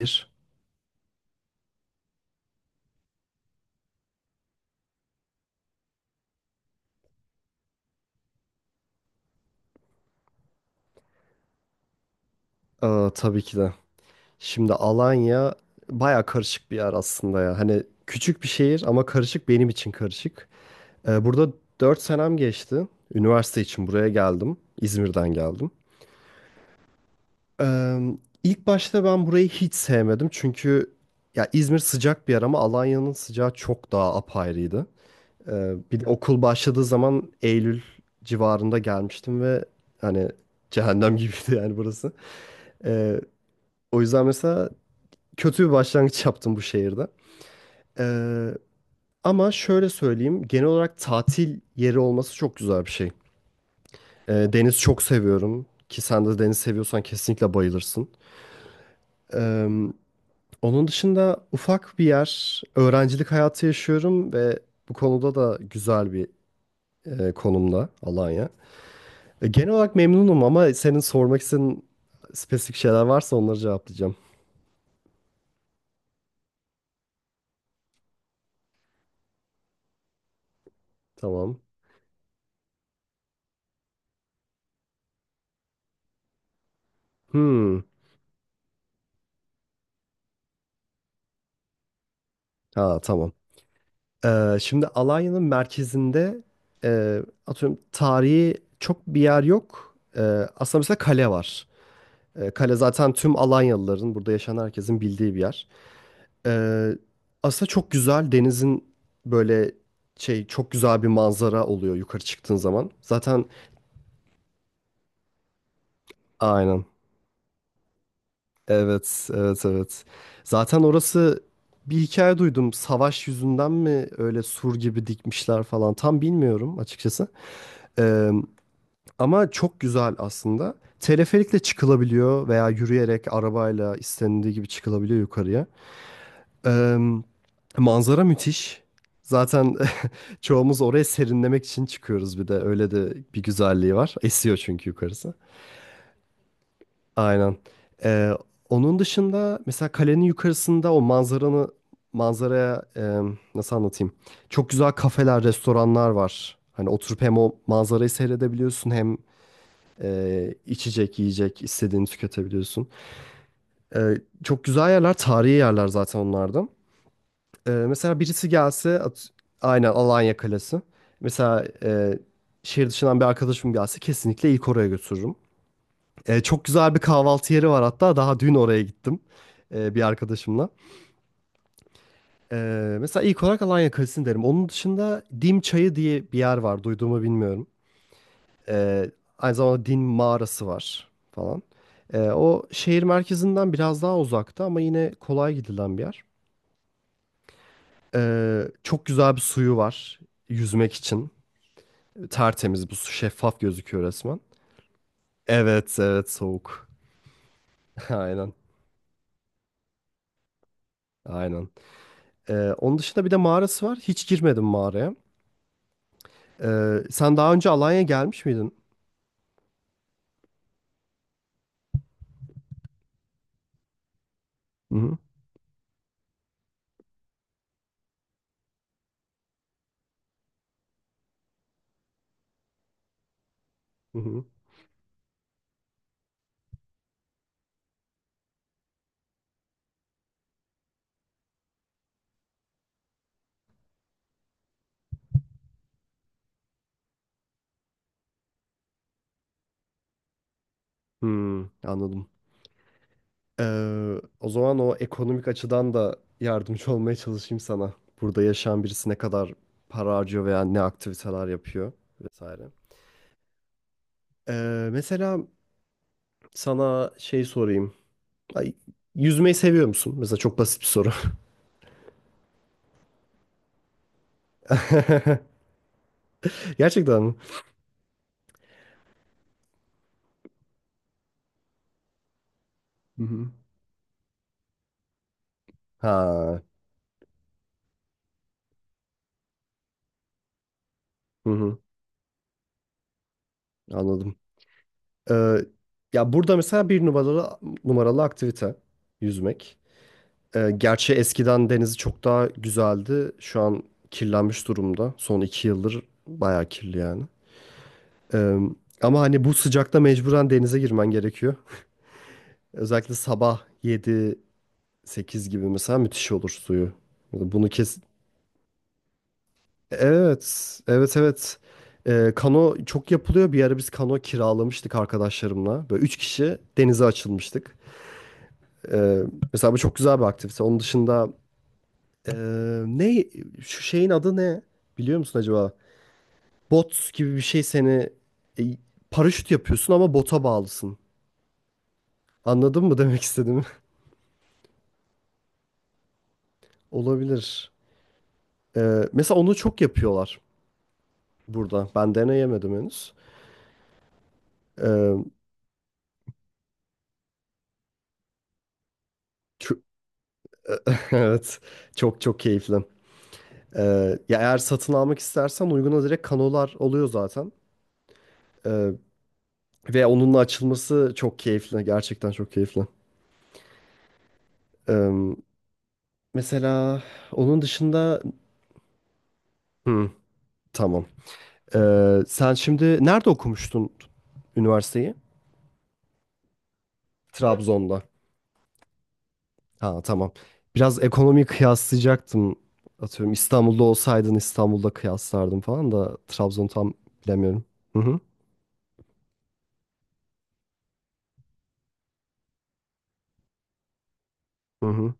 Bir. Tabii ki de. Şimdi Alanya baya karışık bir yer aslında ya. Hani küçük bir şehir ama karışık benim için karışık. Burada 4 senem geçti. Üniversite için buraya geldim. İzmir'den geldim. Ee, ilk başta ben burayı hiç sevmedim. Çünkü ya İzmir sıcak bir yer ama Alanya'nın sıcağı çok daha apayrıydı. Bir de okul başladığı zaman Eylül civarında gelmiştim ve hani cehennem gibiydi yani burası. Ee, o yüzden mesela kötü bir başlangıç yaptım bu şehirde. Ee, ama şöyle söyleyeyim, genel olarak tatil yeri olması çok güzel bir şey. Deniz çok seviyorum ki sen de deniz seviyorsan kesinlikle bayılırsın. Ee, onun dışında ufak bir yer, öğrencilik hayatı yaşıyorum ve bu konuda da güzel bir konumda Alanya. Genel olarak memnunum ama senin sormak istediğin spesifik şeyler varsa onları cevaplayacağım. Tamam. Hmm. Ha, tamam. Şimdi Alanya'nın merkezinde e, atıyorum tarihi çok bir yer yok. Aslında mesela kale var. Kale zaten tüm Alanyalıların, burada yaşayan herkesin bildiği bir yer. Ee, aslında çok güzel denizin böyle çok güzel bir manzara oluyor yukarı çıktığın zaman. Zaten aynen. Evet, evet, evet. Zaten orası bir hikaye duydum. Savaş yüzünden mi öyle sur gibi dikmişler falan tam bilmiyorum açıkçası. Ama çok güzel aslında. Teleferikle çıkılabiliyor veya yürüyerek arabayla istenildiği gibi çıkılabiliyor yukarıya. Eee, manzara müthiş. Zaten çoğumuz oraya serinlemek için çıkıyoruz bir de. Öyle de bir güzelliği var. Esiyor çünkü yukarısı. Aynen. Eee, onun dışında mesela kalenin yukarısında o manzaranı manzaraya nasıl anlatayım? Çok güzel kafeler, restoranlar var. Hani oturup hem o manzarayı seyredebiliyorsun hem içecek, yiyecek istediğini tüketebiliyorsun. Ee, çok güzel yerler, tarihi yerler zaten onlarda. Mesela birisi gelse, aynen Alanya Kalesi. Mesela şehir dışından bir arkadaşım gelse kesinlikle ilk oraya götürürüm. Çok güzel bir kahvaltı yeri var hatta daha dün oraya gittim bir arkadaşımla. Mesela ilk olarak Alanya Kalesi'ni derim. Onun dışında Dim Çayı diye bir yer var, duyduğumu bilmiyorum. Ee, aynı zamanda din mağarası var falan. O şehir merkezinden biraz daha uzakta ama yine kolay gidilen bir yer. Çok güzel bir suyu var yüzmek için. Tertemiz bu su şeffaf gözüküyor resmen. Evet, evet, soğuk. Aynen, aynen. Onun dışında bir de mağarası var. Hiç girmedim mağaraya. Sen daha önce Alanya'ya gelmiş miydin? Hı hı. Hı hı. Hmm, anladım. Ee, o zaman o ekonomik açıdan da yardımcı olmaya çalışayım sana. Burada yaşayan birisi ne kadar para harcıyor veya ne aktiviteler yapıyor vesaire. Mesela sana şey sorayım. Ay, yüzmeyi seviyor musun? Mesela çok basit bir soru. Gerçekten mi? Hı hı. Ha, hı hı, anladım. Ee, ya burada mesela bir numaralı aktivite yüzmek. Gerçi eskiden denizi çok daha güzeldi. Şu an kirlenmiş durumda. Son iki yıldır bayağı kirli yani. Ee, ama hani bu sıcakta mecburen denize girmen gerekiyor. Özellikle sabah yedi sekiz gibi mesela müthiş olur suyu. Bunu kes... Evet, evet, evet. Kano çok yapılıyor. Bir ara biz kano kiralamıştık arkadaşlarımla. Böyle üç kişi denize açılmıştık. Ee, mesela bu çok güzel bir aktivite. Onun dışında Ee, ne şu şeyin adı ne? Biliyor musun acaba? Bot gibi bir şey seni e, paraşüt yapıyorsun ama bota bağlısın. Anladın mı demek istediğimi? Olabilir. Mesela onu çok yapıyorlar burada. Ben deneyemedim henüz. Ee, ço- evet. Çok çok keyifli. Ya eğer satın almak istersen uyguna direkt kanolar oluyor zaten. Ee, ve onunla açılması çok keyifli. Gerçekten çok keyifli. Ee, mesela onun dışında... Hı, tamam. Sen şimdi nerede okumuştun üniversiteyi? Trabzon'da. Ha, tamam. Biraz ekonomiyi kıyaslayacaktım. Atıyorum İstanbul'da olsaydın İstanbul'da kıyaslardım falan da Trabzon'u tam bilemiyorum. Hı hı. Hı hı.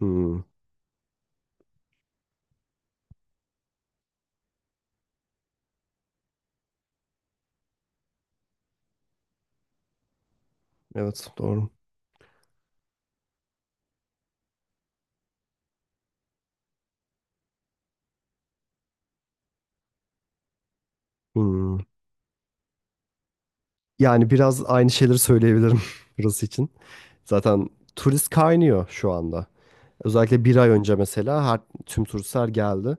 Hı. Evet, doğru. Hı. Yani biraz aynı şeyleri söyleyebilirim burası için. Zaten turist kaynıyor şu anda. Özellikle bir ay önce mesela tüm turistler geldi.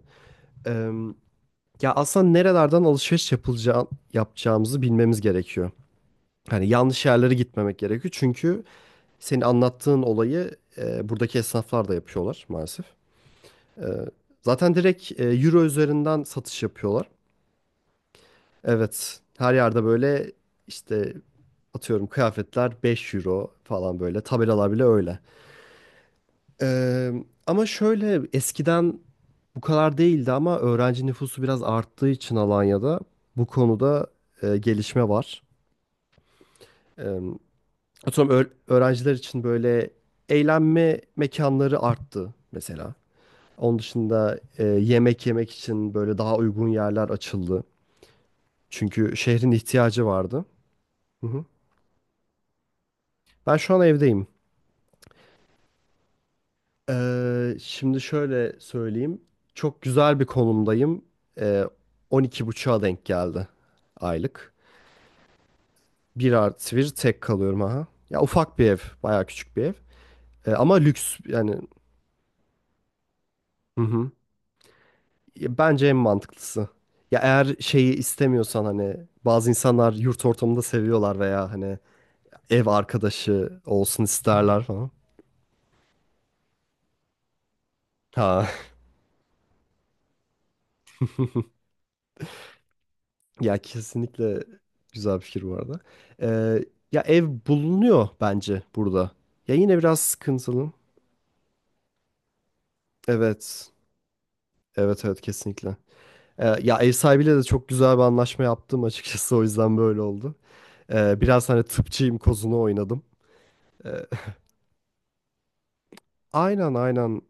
Ya aslında nerelerden alışveriş yapılacağı, yapacağımızı bilmemiz gerekiyor. Hani yanlış yerlere gitmemek gerekiyor. Çünkü senin anlattığın olayı buradaki esnaflar da yapıyorlar maalesef. E, zaten direkt euro üzerinden satış yapıyorlar. Evet, her yerde böyle işte atıyorum kıyafetler 5 euro falan böyle tabelalar bile öyle. E, ama şöyle eskiden bu kadar değildi ama öğrenci nüfusu biraz arttığı için Alanya'da bu konuda gelişme var. Eee, atıyorum öğrenciler için böyle eğlenme mekanları arttı mesela. Onun dışında yemek yemek için böyle daha uygun yerler açıldı. Çünkü şehrin ihtiyacı vardı. Hı hı. Ben şu an evdeyim. Şimdi şöyle söyleyeyim. Çok güzel bir konumdayım. Eee 12,5'a denk geldi aylık. Bir artı bir tek kalıyorum aha. Ya ufak bir ev, bayağı küçük bir ev. Ama lüks yani. Hı hı. Ya, bence en mantıklısı. Ya eğer şeyi istemiyorsan hani bazı insanlar yurt ortamında seviyorlar veya hani ev arkadaşı olsun isterler falan. Ha, ya kesinlikle güzel bir fikir bu arada. Ee, ya ev bulunuyor bence burada. Ya yine biraz sıkıntılı. Evet. Evet, evet, kesinlikle. Ya ev sahibiyle de çok güzel bir anlaşma yaptım açıkçası o yüzden böyle oldu. Biraz hani tıpçıyım kozunu oynadım. Ee, aynen, aynen.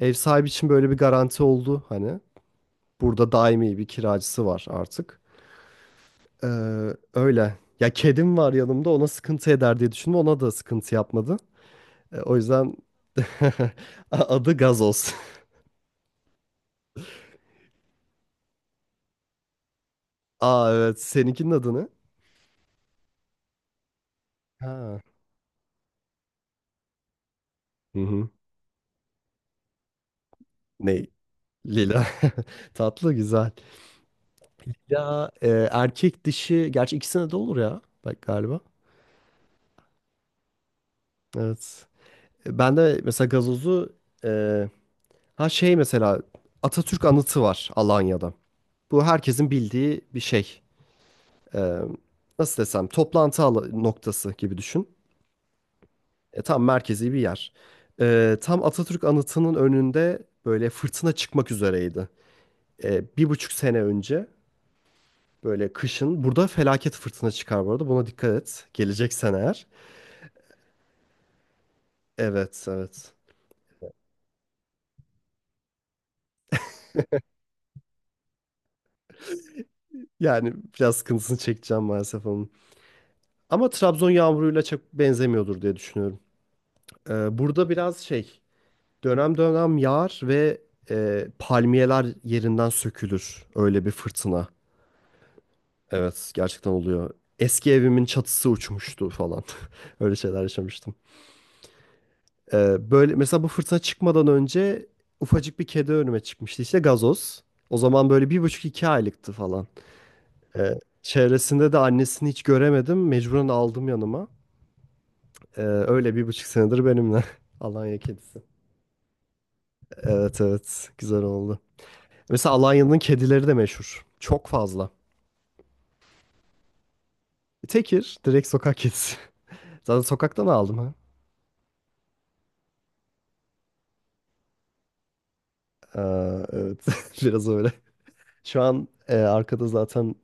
Ev sahibi için böyle bir garanti oldu hani. Burada daimi bir kiracısı var artık. Ee, öyle. Ya kedim var yanımda ona sıkıntı eder diye düşündüm. Ona da sıkıntı yapmadı. O yüzden adı Gazoz. Aa, evet, seninkinin adı ne? Ha. Hı hı. Ne? Lila. Tatlı, güzel. Ya erkek dişi gerçi ikisine de olur ya. Bak galiba. Evet. Ben de mesela gazozu. e, Mesela Atatürk anıtı var Alanya'da. Bu herkesin bildiği bir şey. Ee, nasıl desem toplantı noktası gibi düşün. Tam merkezi bir yer. Tam Atatürk Anıtı'nın önünde böyle fırtına çıkmak üzereydi. Bir buçuk sene önce böyle kışın burada felaket fırtına çıkar bu arada. Buna dikkat et. Geleceksen eğer. Evet, evet. Yani biraz sıkıntısını çekeceğim maalesef onun. Ama Trabzon yağmuruyla çok benzemiyordur diye düşünüyorum. Burada biraz dönem dönem yağar ve palmiyeler yerinden sökülür. Öyle bir fırtına. Evet, gerçekten oluyor. Eski evimin çatısı uçmuştu falan. Öyle şeyler yaşamıştım. Böyle mesela bu fırtına çıkmadan önce ufacık bir kedi önüme çıkmıştı. İşte gazoz. O zaman böyle bir buçuk iki aylıktı falan. E, çevresinde de annesini hiç göremedim. Mecburen aldım yanıma. Öyle bir buçuk senedir benimle. Alanya kedisi. Evet, evet, güzel oldu. Mesela Alanya'nın kedileri de meşhur. Çok fazla. Tekir direkt sokak kedisi. Zaten sokaktan aldım ha. Aa, evet, biraz öyle. Şu an arkada zaten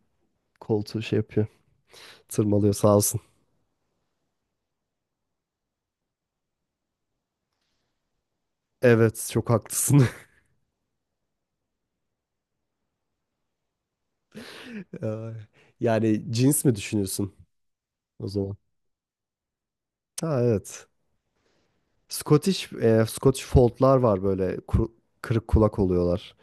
koltuğu şey yapıyor. Tırmalıyor sağ olsun. Evet, çok haklısın. Ay. Yani cins mi düşünüyorsun o zaman? Ha, evet. Scottish Fold'lar var böyle kırık kulak oluyorlar.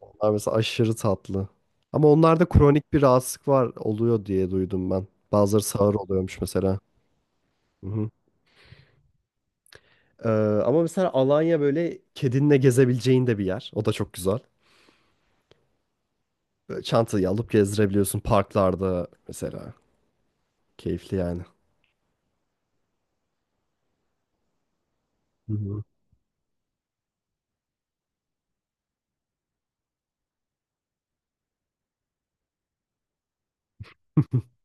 Onlar mesela aşırı tatlı. Ama onlarda kronik bir rahatsızlık var oluyor diye duydum ben. Bazıları sağır oluyormuş mesela. Hı. Ee, ama mesela Alanya böyle kedinle gezebileceğin de bir yer. O da çok güzel. Böyle çantayı alıp gezdirebiliyorsun parklarda mesela. Keyifli yani. Hı hı.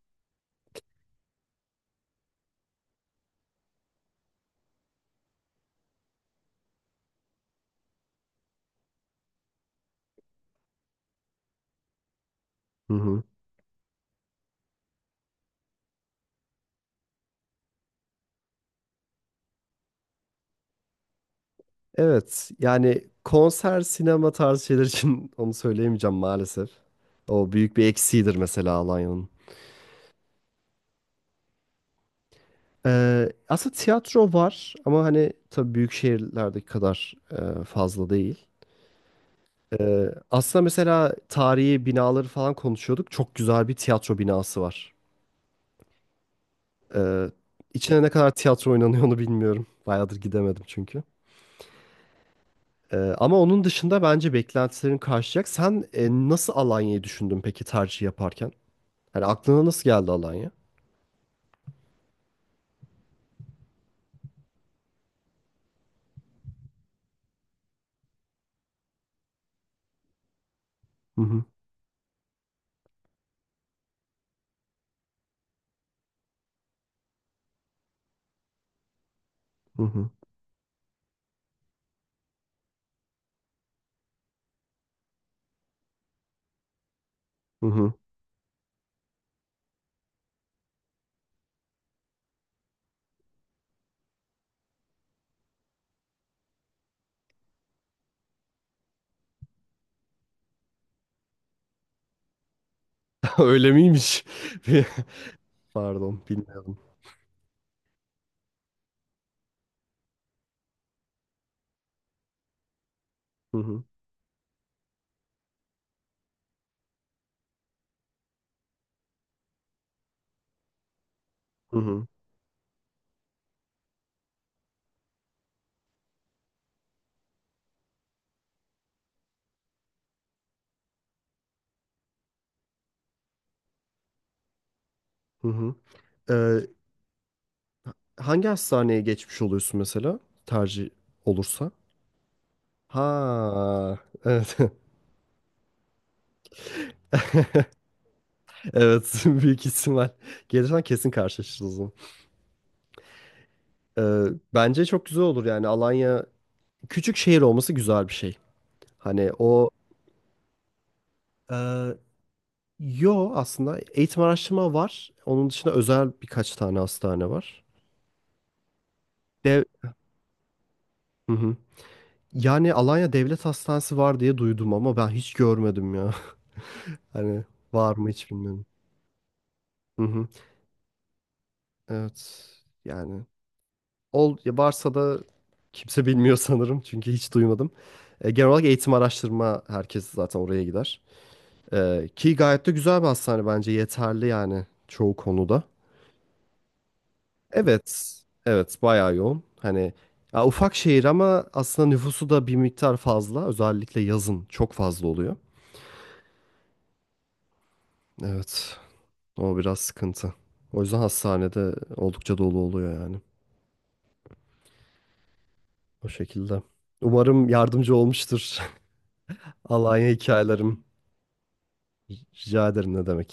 Hı hı. Evet, yani konser, sinema tarzı şeyler için onu söyleyemeyeceğim maalesef. O büyük bir eksiğidir mesela Alanya'nın. Aslında tiyatro var ama hani tabii büyük şehirlerdeki kadar fazla değil. Aslında mesela tarihi binaları falan konuşuyorduk. Çok güzel bir tiyatro binası var. Ee, içine ne kadar tiyatro oynanıyor onu bilmiyorum. Bayağıdır gidemedim çünkü. Ama onun dışında bence beklentilerin karşılayacak. Sen nasıl Alanya'yı düşündün peki tercih yaparken? Hani aklına nasıl geldi Alanya? Hı hı, hı hı. Hı hı. Öyle miymiş? Pardon, bilmiyorum. Hı hı, hı hı. Hı hı. Ee, hangi hastaneye geçmiş oluyorsun mesela? Tercih olursa? Ha, evet. Evet, büyük ihtimal. Gelirsen kesin karşılaşırız. Ee, bence çok güzel olur yani Alanya küçük şehir olması güzel bir şey. Hani o e, yo aslında eğitim araştırma var. Onun dışında özel birkaç tane hastane var. Dev, hı hı. Yani Alanya Devlet Hastanesi var diye duydum ama ben hiç görmedim ya. Hani var mı hiç bilmiyorum. Hı hı. Evet, yani ol ya varsa da kimse bilmiyor sanırım çünkü hiç duymadım. Genel olarak eğitim araştırma herkes zaten oraya gider. Ki gayet de güzel bir hastane bence yeterli yani çoğu konuda. Evet, evet, bayağı yoğun. Hani ya ufak şehir ama aslında nüfusu da bir miktar fazla. Özellikle yazın çok fazla oluyor. Evet, o biraz sıkıntı. O yüzden hastanede oldukça dolu oluyor yani. O şekilde. Umarım yardımcı olmuştur. Alanya hikayelerim. Rica ederim, ne demek.